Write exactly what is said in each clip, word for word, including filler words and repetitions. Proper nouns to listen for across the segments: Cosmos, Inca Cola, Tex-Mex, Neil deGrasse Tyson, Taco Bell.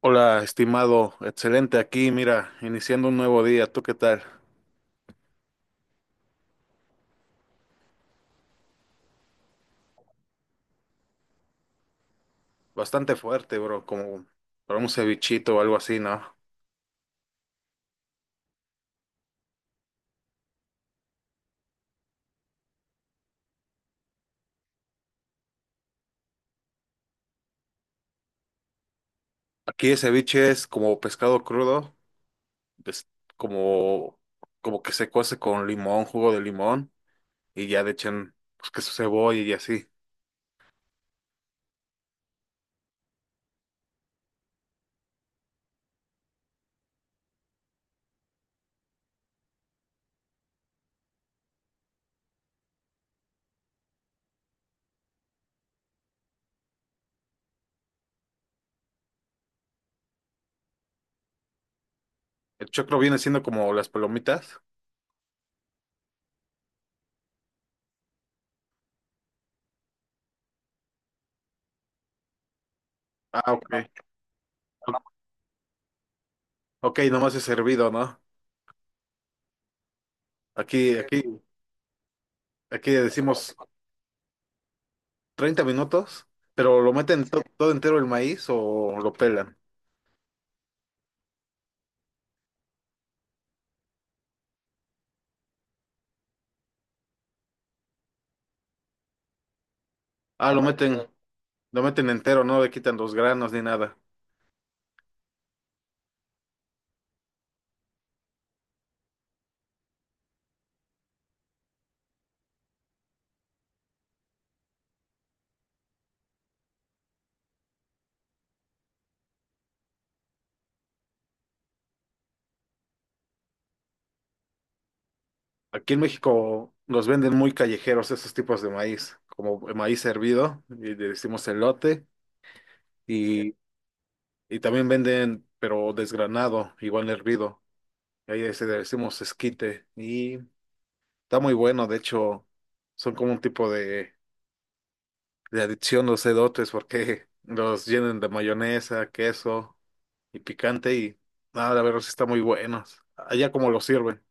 Hola, estimado, excelente aquí, mira, iniciando un nuevo día, ¿tú qué tal? Bastante fuerte, bro, como para un cevichito o algo así, ¿no? Aquí el ceviche es como pescado crudo, es como, como que se cuece con limón, jugo de limón, y ya le echan, pues, que su cebolla y así. El choclo viene siendo como las palomitas. Ah, ok. Ok, nomás es servido, ¿no? Aquí, aquí, Aquí le decimos treinta minutos, pero lo meten to- todo entero el maíz o lo pelan. Ah, lo meten, lo meten entero, no le quitan los granos ni nada. Aquí en México los venden muy callejeros esos tipos de maíz, como el maíz hervido, y le decimos elote, y, y también venden, pero desgranado, igual hervido. Y ahí se le decimos esquite, y está muy bueno, de hecho, son como un tipo de, de adicción los elotes, porque los llenan de mayonesa, queso y picante, y nada, la verdad sí está muy buenos. Allá como los sirven.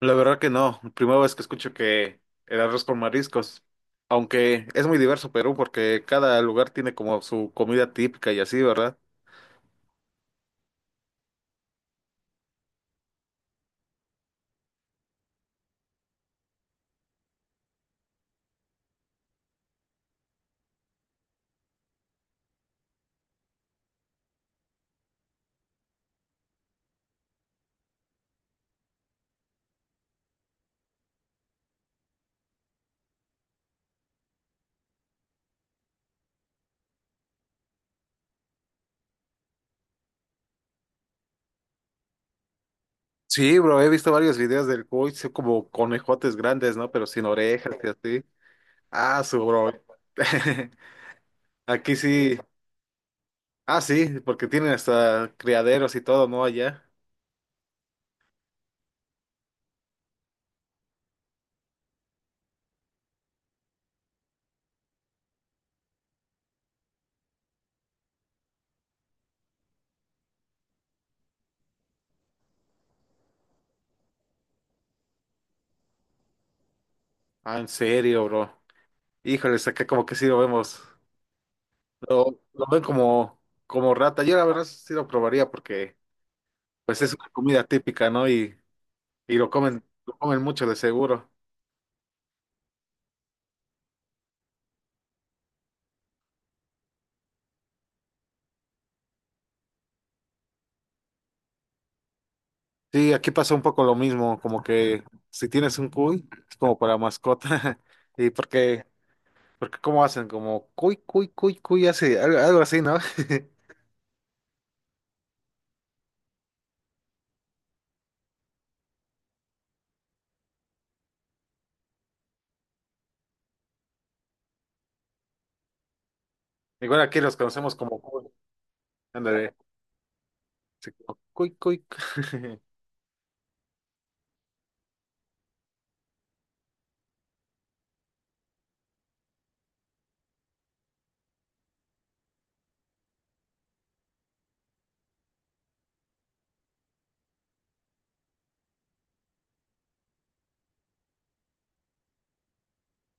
La verdad que no, primera vez que escucho que el arroz con mariscos, aunque es muy diverso Perú porque cada lugar tiene como su comida típica y así, ¿verdad? Sí, bro, he visto varios videos del cuy, son como conejotes grandes, ¿no? Pero sin orejas y así. Ah, su bro. Aquí sí. Ah, sí, porque tienen hasta criaderos y todo, ¿no? Allá. Ah, en serio, bro. Híjoles, acá como que sí lo vemos. Lo, lo ven como, como rata. Yo la verdad sí lo probaría porque pues es una comida típica, ¿no? Y, y lo comen, lo comen mucho de seguro. Sí, aquí pasa un poco lo mismo, como que si tienes un cuy, es como para mascota. Y porque, porque ¿cómo hacen? Como cuy, cuy, cuy, cuy, así, algo, algo así, ¿no? Igual aquí los conocemos como cuy. Ándale, sí, como cuy, cuy.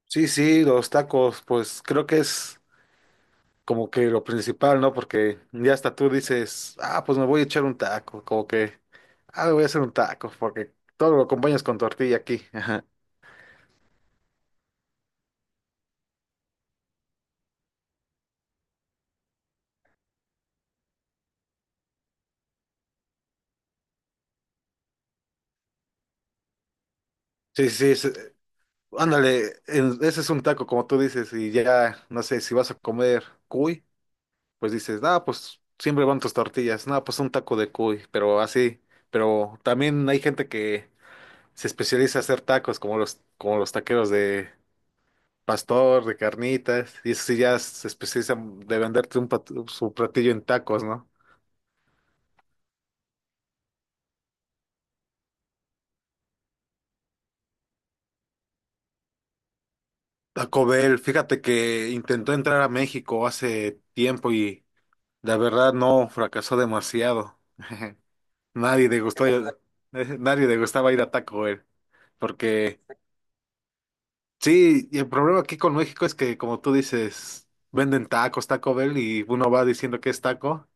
Sí, sí, los tacos, pues creo que es como que lo principal, ¿no? Porque ya hasta tú dices, ah, pues me voy a echar un taco, como que, ah, me voy a hacer un taco, porque todo lo acompañas con tortilla aquí. Ajá. Sí, sí, sí, sí. Ándale, en- ese es un taco, como tú dices, y ya, no sé, si vas a comer cuy, pues dices, ah, pues siempre van tus tortillas, no, pues un taco de cuy, pero así, pero también hay gente que se especializa a hacer tacos, como los, como los taqueros de pastor, de carnitas, y eso sí ya se especializan de venderte un pat- su platillo en tacos, ¿no? Taco Bell, fíjate que intentó entrar a México hace tiempo y la verdad no, fracasó demasiado. Nadie le gustó, ¿pasa? Nadie le gustaba ir a Taco Bell, porque sí, y el problema aquí con México es que, como tú dices, venden tacos, Taco Bell, y uno va diciendo que es taco,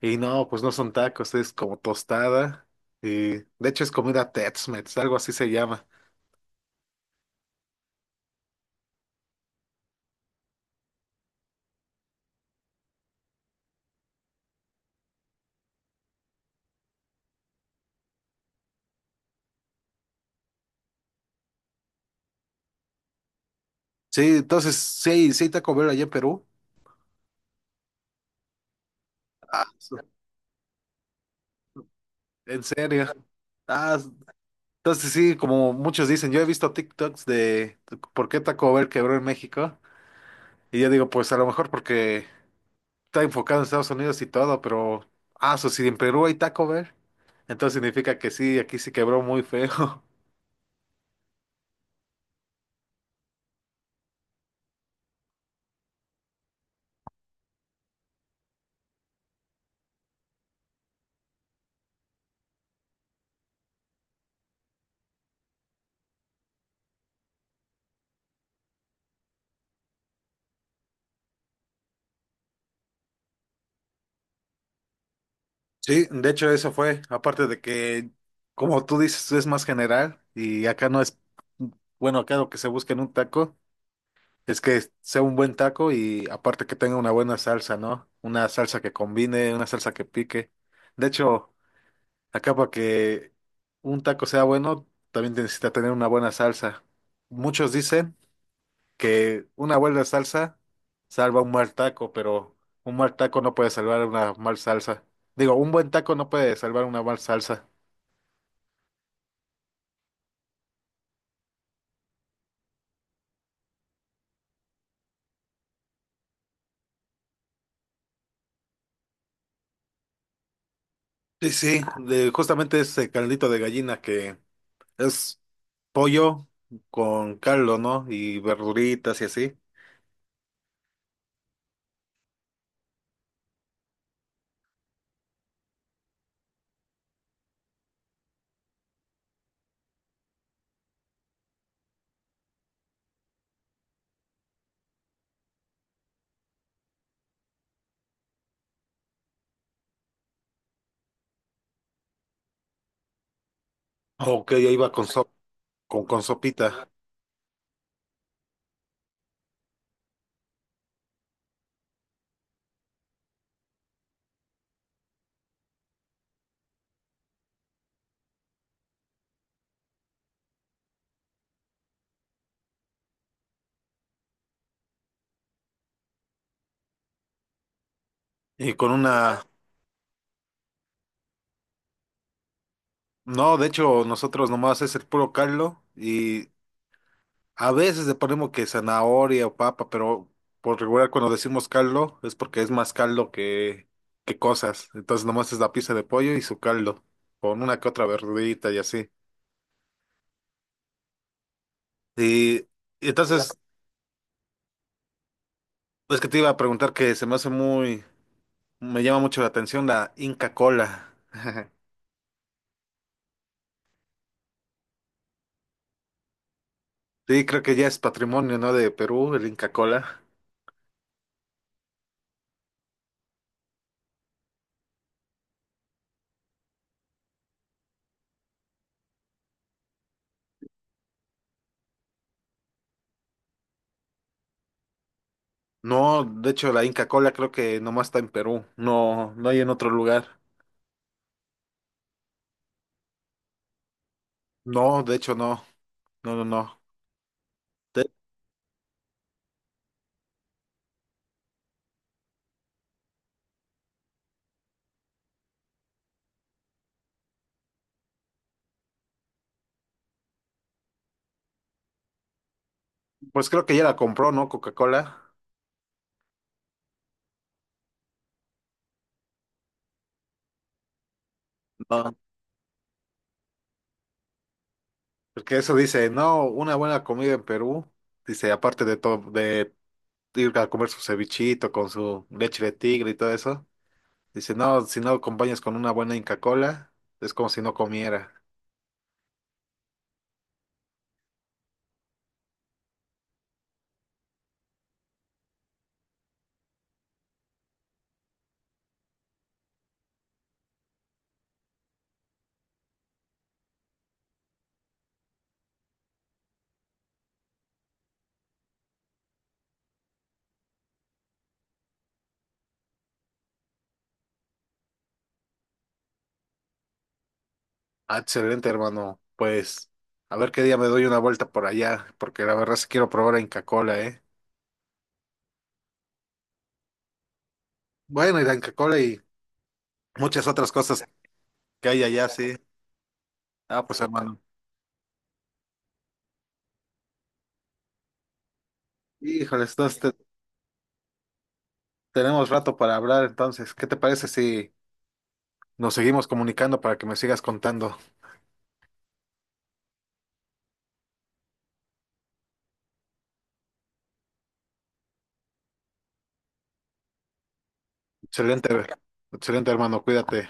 y no, pues no son tacos, es como tostada, y de hecho es comida Tex-Mex, algo así se llama. Sí, entonces, sí, sí, hay Taco Bell allá en Perú. Ah, su- en serio. Ah, entonces sí, como muchos dicen, yo he visto TikToks de por qué Taco Bell quebró en México, y yo digo, pues a lo mejor porque está enfocado en Estados Unidos y todo, pero, ah, eso sí, en Perú hay Taco Bell. Entonces significa que sí, aquí sí quebró muy feo. Sí, de hecho eso fue, aparte de que, como tú dices, es más general y acá no es, bueno, acá lo que se busca en un taco es que sea un buen taco y aparte que tenga una buena salsa, ¿no? Una salsa que combine, una salsa que pique. De hecho, acá para que un taco sea bueno, también necesita tener una buena salsa. Muchos dicen que una buena salsa salva un mal taco, pero un mal taco no puede salvar una mal salsa. Digo, un buen taco no puede salvar una mal salsa. Sí, sí, de justamente ese caldito de gallina que es pollo con caldo, ¿no? Y verduritas y así. Ok, ya iba con sop- con, con sopita. Y con una... No, de hecho, nosotros nomás es el puro caldo y a veces le ponemos que zanahoria o papa, pero por regular cuando decimos caldo es porque es más caldo que, que cosas. Entonces nomás es la pieza de pollo y su caldo, con una que otra verdurita y así. Y, y entonces es que te iba a preguntar que se me hace muy, me llama mucho la atención la Inca Cola. Sí, creo que ya es patrimonio, ¿no? De Perú, el Inca Cola. No, de hecho la Inca Cola creo que nomás está en Perú, no, no hay en otro lugar. No, de hecho no, no, no, no. Pues creo que ya la compró, ¿no? Coca-Cola. No. Porque eso dice, no, una buena comida en Perú. Dice, aparte de todo, de ir a comer su cevichito con su leche de tigre y todo eso. Dice, no, si no acompañas con una buena Inca Cola, es como si no comiera. Ah, excelente, hermano. Pues, a ver qué día me doy una vuelta por allá, porque la verdad sí quiero probar la Inca Cola, ¿eh? Bueno, y la Inca Cola y muchas otras cosas que hay allá, sí. Ah, pues, hermano. Híjole, entonces te, tenemos rato para hablar, entonces, ¿qué te parece si nos seguimos comunicando para que me sigas contando? Excelente, excelente hermano, cuídate.